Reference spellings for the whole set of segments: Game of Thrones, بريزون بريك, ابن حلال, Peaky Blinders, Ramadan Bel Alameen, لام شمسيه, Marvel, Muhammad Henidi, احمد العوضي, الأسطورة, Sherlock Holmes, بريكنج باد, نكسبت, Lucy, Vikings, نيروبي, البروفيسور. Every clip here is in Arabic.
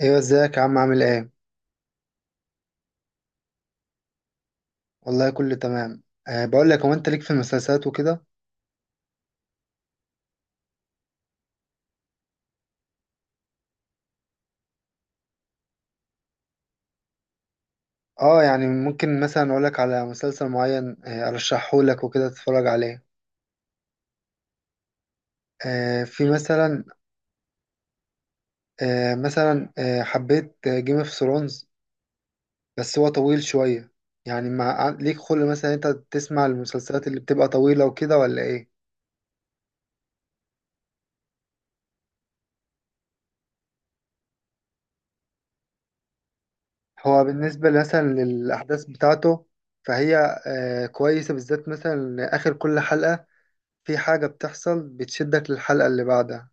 ايوه، ازيك يا عم؟ عامل ايه؟ والله كله تمام. بقول لك، هو انت ليك في المسلسلات وكده؟ اه، يعني ممكن مثلا اقول لك على مسلسل معين، ارشحه لك وكده تتفرج عليه. في مثلا. مثلا حبيت جيم اوف ثرونز، بس هو طويل شويه. يعني مع ليك خلق مثلا انت تسمع المسلسلات اللي بتبقى طويله وكده، ولا ايه؟ هو بالنسبه مثلا للاحداث بتاعته، فهي كويسه، بالذات مثلا اخر كل حلقه في حاجة بتحصل بتشدك للحلقة اللي بعدها.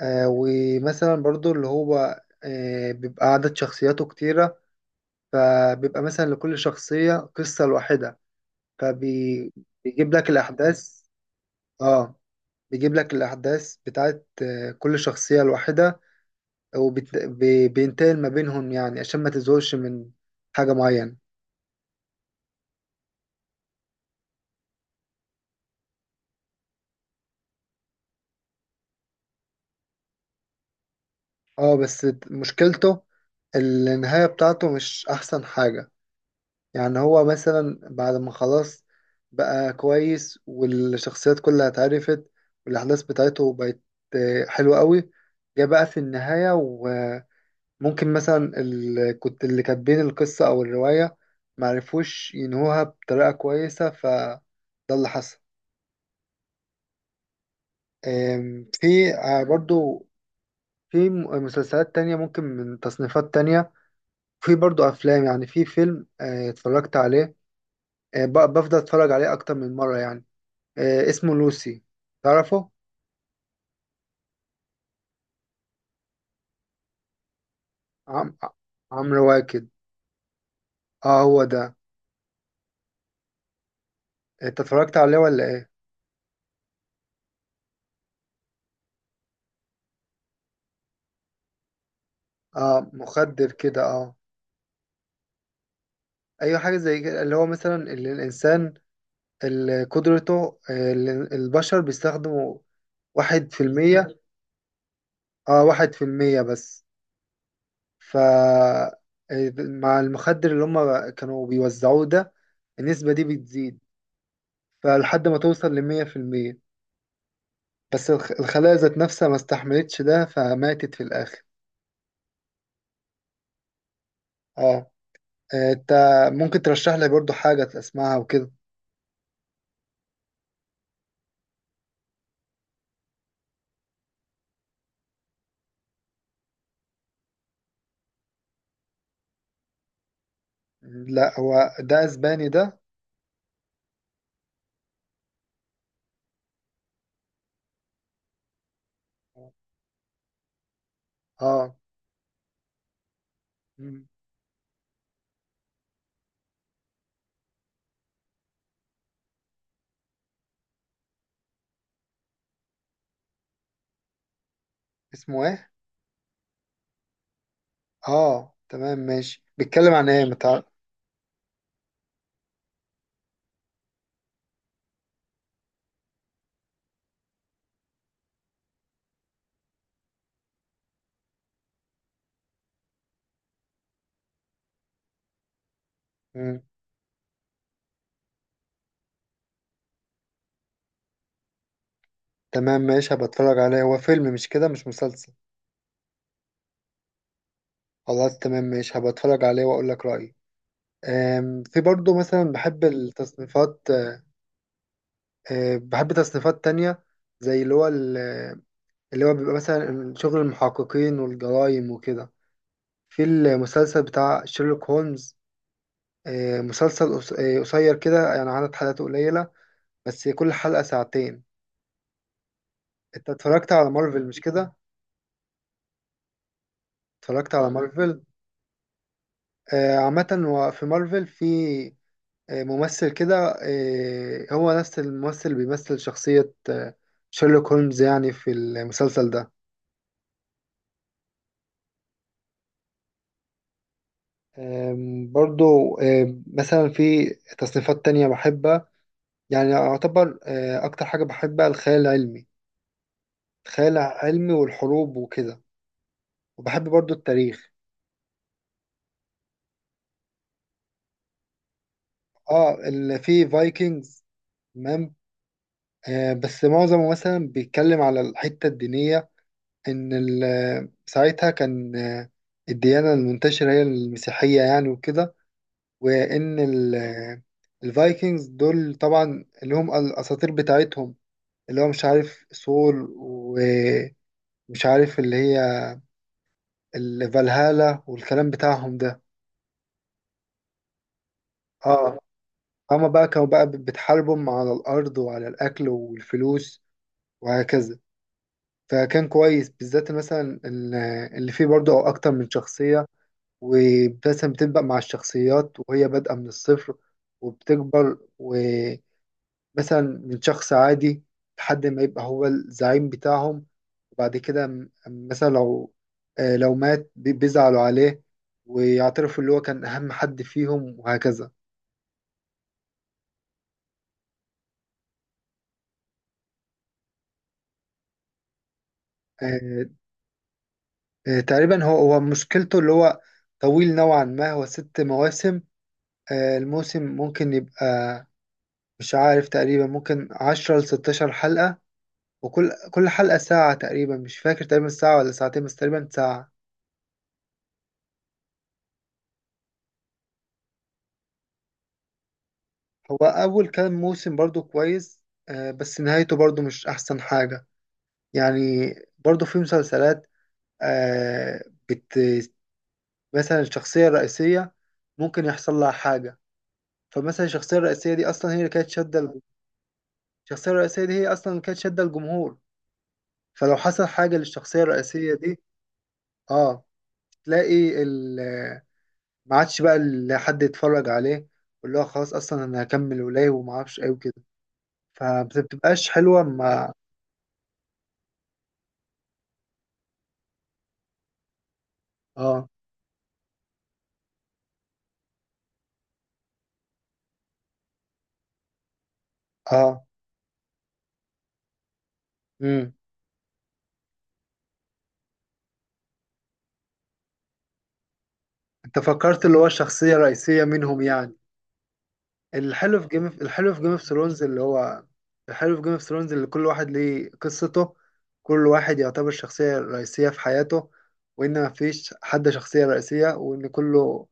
ومثلا برضو اللي هو بيبقى عدد شخصياته كتيرة، فبيبقى مثلا لكل شخصية قصة لوحدها، فبيجيب لك الأحداث. اه، بيجيب لك الأحداث بتاعت كل شخصية لوحدها، وبينتقل ما بينهم، يعني عشان ما تزهقش من حاجة معينة. اه، بس مشكلته النهاية بتاعته مش أحسن حاجة. يعني هو مثلا بعد ما خلاص بقى كويس والشخصيات كلها اتعرفت والأحداث بتاعته بقت حلوة قوي، جه بقى في النهاية وممكن مثلا كنت اللي كاتبين القصة أو الرواية معرفوش ينهوها بطريقة كويسة، فده اللي حصل. في برضو في مسلسلات تانية ممكن من تصنيفات تانية. في برضو أفلام، يعني في فيلم اتفرجت عليه، بفضل أتفرج عليه أكتر من مرة، يعني. اسمه لوسي، تعرفه؟ عم... عمرو واكد. اه، هو ده. انت اتفرجت عليه، ولا ايه؟ اه، مخدر كده، اه. ايوه، حاجه زي كده، اللي هو مثلا اللي الانسان، اللي قدرته، اللي البشر بيستخدموا واحد في المية. اه، واحد في المية بس. ف آه، مع المخدر اللي هم كانوا بيوزعوه ده، النسبة دي بتزيد، فلحد ما توصل لمية في المية، بس الخلايا ذات نفسها ما استحملتش ده، فماتت في الآخر. اه. انت ممكن ترشح لي برضو حاجة اسمعها وكده؟ لا، هو ده اسباني ده. اه. مم. اسمه ايه؟ اه، تمام ماشي، بيتكلم عن ايه، مم. تمام ماشي، هبقى اتفرج عليه، هو فيلم مش كده، مش مسلسل؟ خلاص، تمام ماشي، هبقى اتفرج عليه واقول لك رأيي. في برضو مثلا بحب التصنيفات. بحب تصنيفات تانية، زي اللي هو اللي هو بيبقى مثلا شغل المحققين والجرائم وكده. في المسلسل بتاع شيرلوك هولمز، مسلسل قصير كده، يعني عدد حلقاته قليلة، بس كل حلقة ساعتين. انت اتفرجت على مارفل مش كده؟ اتفرجت على مارفل. عامة هو في مارفل في ممثل كده، هو نفس الممثل اللي بيمثل شخصية شيرلوك هولمز، يعني في المسلسل ده. برضو مثلا في تصنيفات تانية بحبها. يعني أعتبر أكتر حاجة بحبها الخيال العلمي، الخيال العلمي والحروب وكده، وبحب برضو التاريخ. اه، اللي فيه فايكنجز، تمام. بس معظمه مثلا بيتكلم على الحتة الدينية، ان ساعتها كان الديانة المنتشرة هي المسيحية، يعني وكده، وان الفايكنجز دول طبعا، اللي هم الاساطير بتاعتهم، اللي هو مش عارف سول ومش عارف اللي هي الفالهالا والكلام بتاعهم ده. اه. هما بقى كانوا بقى بتحاربهم على الارض وعلى الاكل والفلوس، وهكذا. فكان كويس بالذات مثلا اللي فيه برضه او اكتر من شخصية، ومثلا بتبدأ مع الشخصيات وهي بادئة من الصفر وبتكبر، ومثلا من شخص عادي لحد ما يبقى هو الزعيم بتاعهم، وبعد كده مثلا لو مات، بيزعلوا عليه ويعترفوا اللي هو كان أهم حد فيهم، وهكذا. آه، تقريبا هو مشكلته اللي هو طويل نوعا ما، هو ست مواسم، الموسم ممكن يبقى، مش عارف، تقريبا ممكن عشرة لستاشر حلقة، وكل حلقة ساعة تقريبا، مش فاكر، تقريبا ساعة ولا ساعتين، بس تقريبا ساعة. هو أول كام موسم برضو كويس، بس نهايته برضو مش أحسن حاجة، يعني. برضو في مسلسلات آه، بت مثلا الشخصية الرئيسية ممكن يحصل لها حاجة، فمثلا الشخصية الرئيسية دي أصلا هي اللي كانت شادة الشخصية الرئيسية دي هي أصلا اللي كانت شادة الجمهور، فلو حصل حاجة للشخصية الرئيسية دي. اه، تلاقي ما عادش بقى حد يتفرج عليه، واللي هو خلاص اصلا انا هكمل ولاي وما اعرفش ايه وكده، فبتبقاش حلوه ما. اه، اه. امم انت فكرت اللي هو الشخصيه الرئيسيه منهم، يعني الحلو في جيم الحلو في جيم اوف ثرونز اللي هو الحلو في جيم اوف ثرونز اللي كل واحد ليه قصته، كل واحد يعتبر شخصيه رئيسيه في حياته، وان ما فيش حد شخصيه رئيسيه، وان كله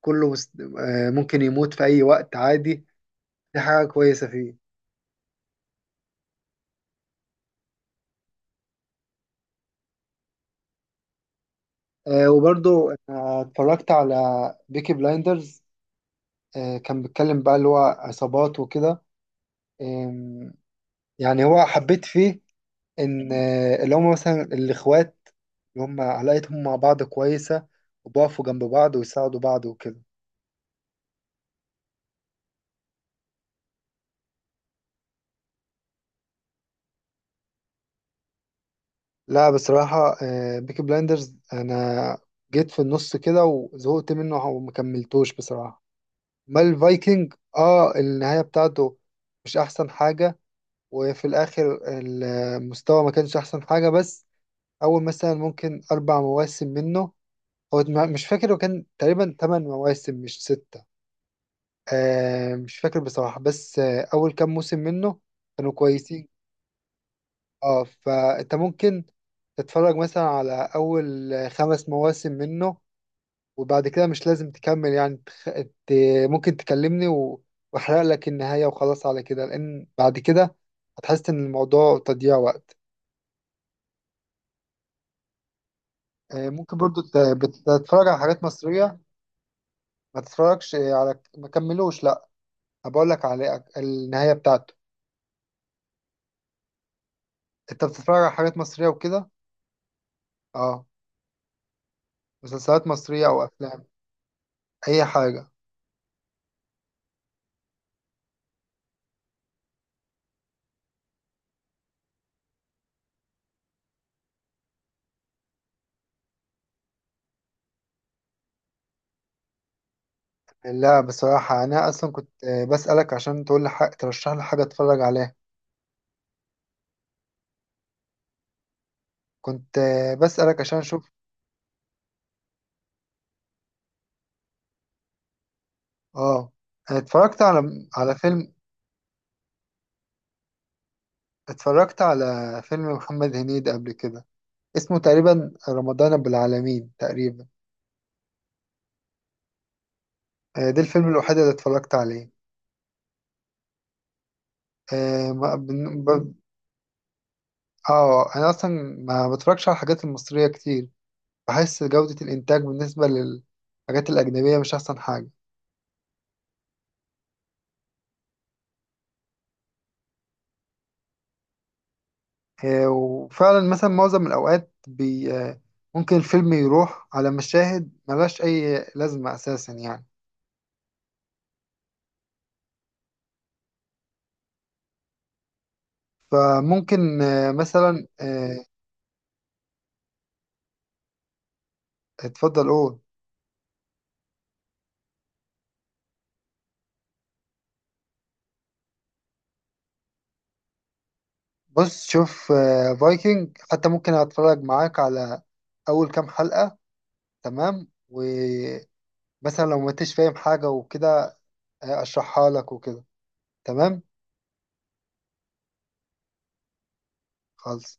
كله مست... آه، ممكن يموت في اي وقت عادي. دي حاجه كويسه فيه. وبرضو أنا اتفرجت على بيكي بلايندرز، كان بيتكلم بقى اللي هو عصابات وكده. آم، يعني هو حبيت فيه إن اللي هم مثلا الإخوات، اللي هم علاقتهم مع بعض كويسة، وبقفوا جنب بعض ويساعدوا بعض وكده. لا، بصراحة بيكي بلايندرز أنا جيت في النص كده وزهقت منه وما كملتوش، بصراحة. ما الفايكنج النهاية بتاعته مش أحسن حاجة، وفي الآخر المستوى ما كانش أحسن حاجة، بس أول مثلا ممكن أربع مواسم منه، هو مش فاكر، وكان تقريبا تمن مواسم مش ستة، مش فاكر بصراحة، بس أول كام موسم منه كانوا كويسين. اه، فأنت ممكن تتفرج مثلا على أول خمس مواسم منه، وبعد كده مش لازم تكمل، يعني ت... ممكن تكلمني وأحرق لك النهاية، وخلاص على كده، لأن بعد كده هتحس إن الموضوع تضييع وقت. ممكن برضو بتتفرج على حاجات مصرية؟ ما تتفرجش على ما كملوش لا، هبقول لك على النهاية بتاعته. انت بتتفرج على حاجات مصرية وكده؟ اه، مسلسلات مصرية او افلام، اي حاجة. لا، بصراحة انا اصلا كنت بسألك عشان تقول لي حاجة، ترشح لي حاجة اتفرج عليها، كنت بسألك عشان اشوف. اه، اتفرجت على فيلم، اتفرجت على فيلم محمد هنيدي قبل كده، اسمه تقريبا رمضان بالعالمين تقريبا، ده الفيلم الوحيد اللي اتفرجت عليه. آه ما- بن- ب- انا اصلا ما بتفرجش على الحاجات المصرية كتير، بحس جودة الانتاج بالنسبة للحاجات الاجنبية مش احسن حاجة. وفعلا مثلا معظم الاوقات بي آه ممكن الفيلم يروح على مشاهد ملهاش اي لازمة اساسا، يعني، فممكن مثلا اتفضل قول. بص، شوف، فايكنج حتى ممكن اتفرج معاك على اول كام حلقة، تمام، ومثلا لو ما انتش فاهم حاجة وكده اشرحها لك وكده. تمام، خلاص.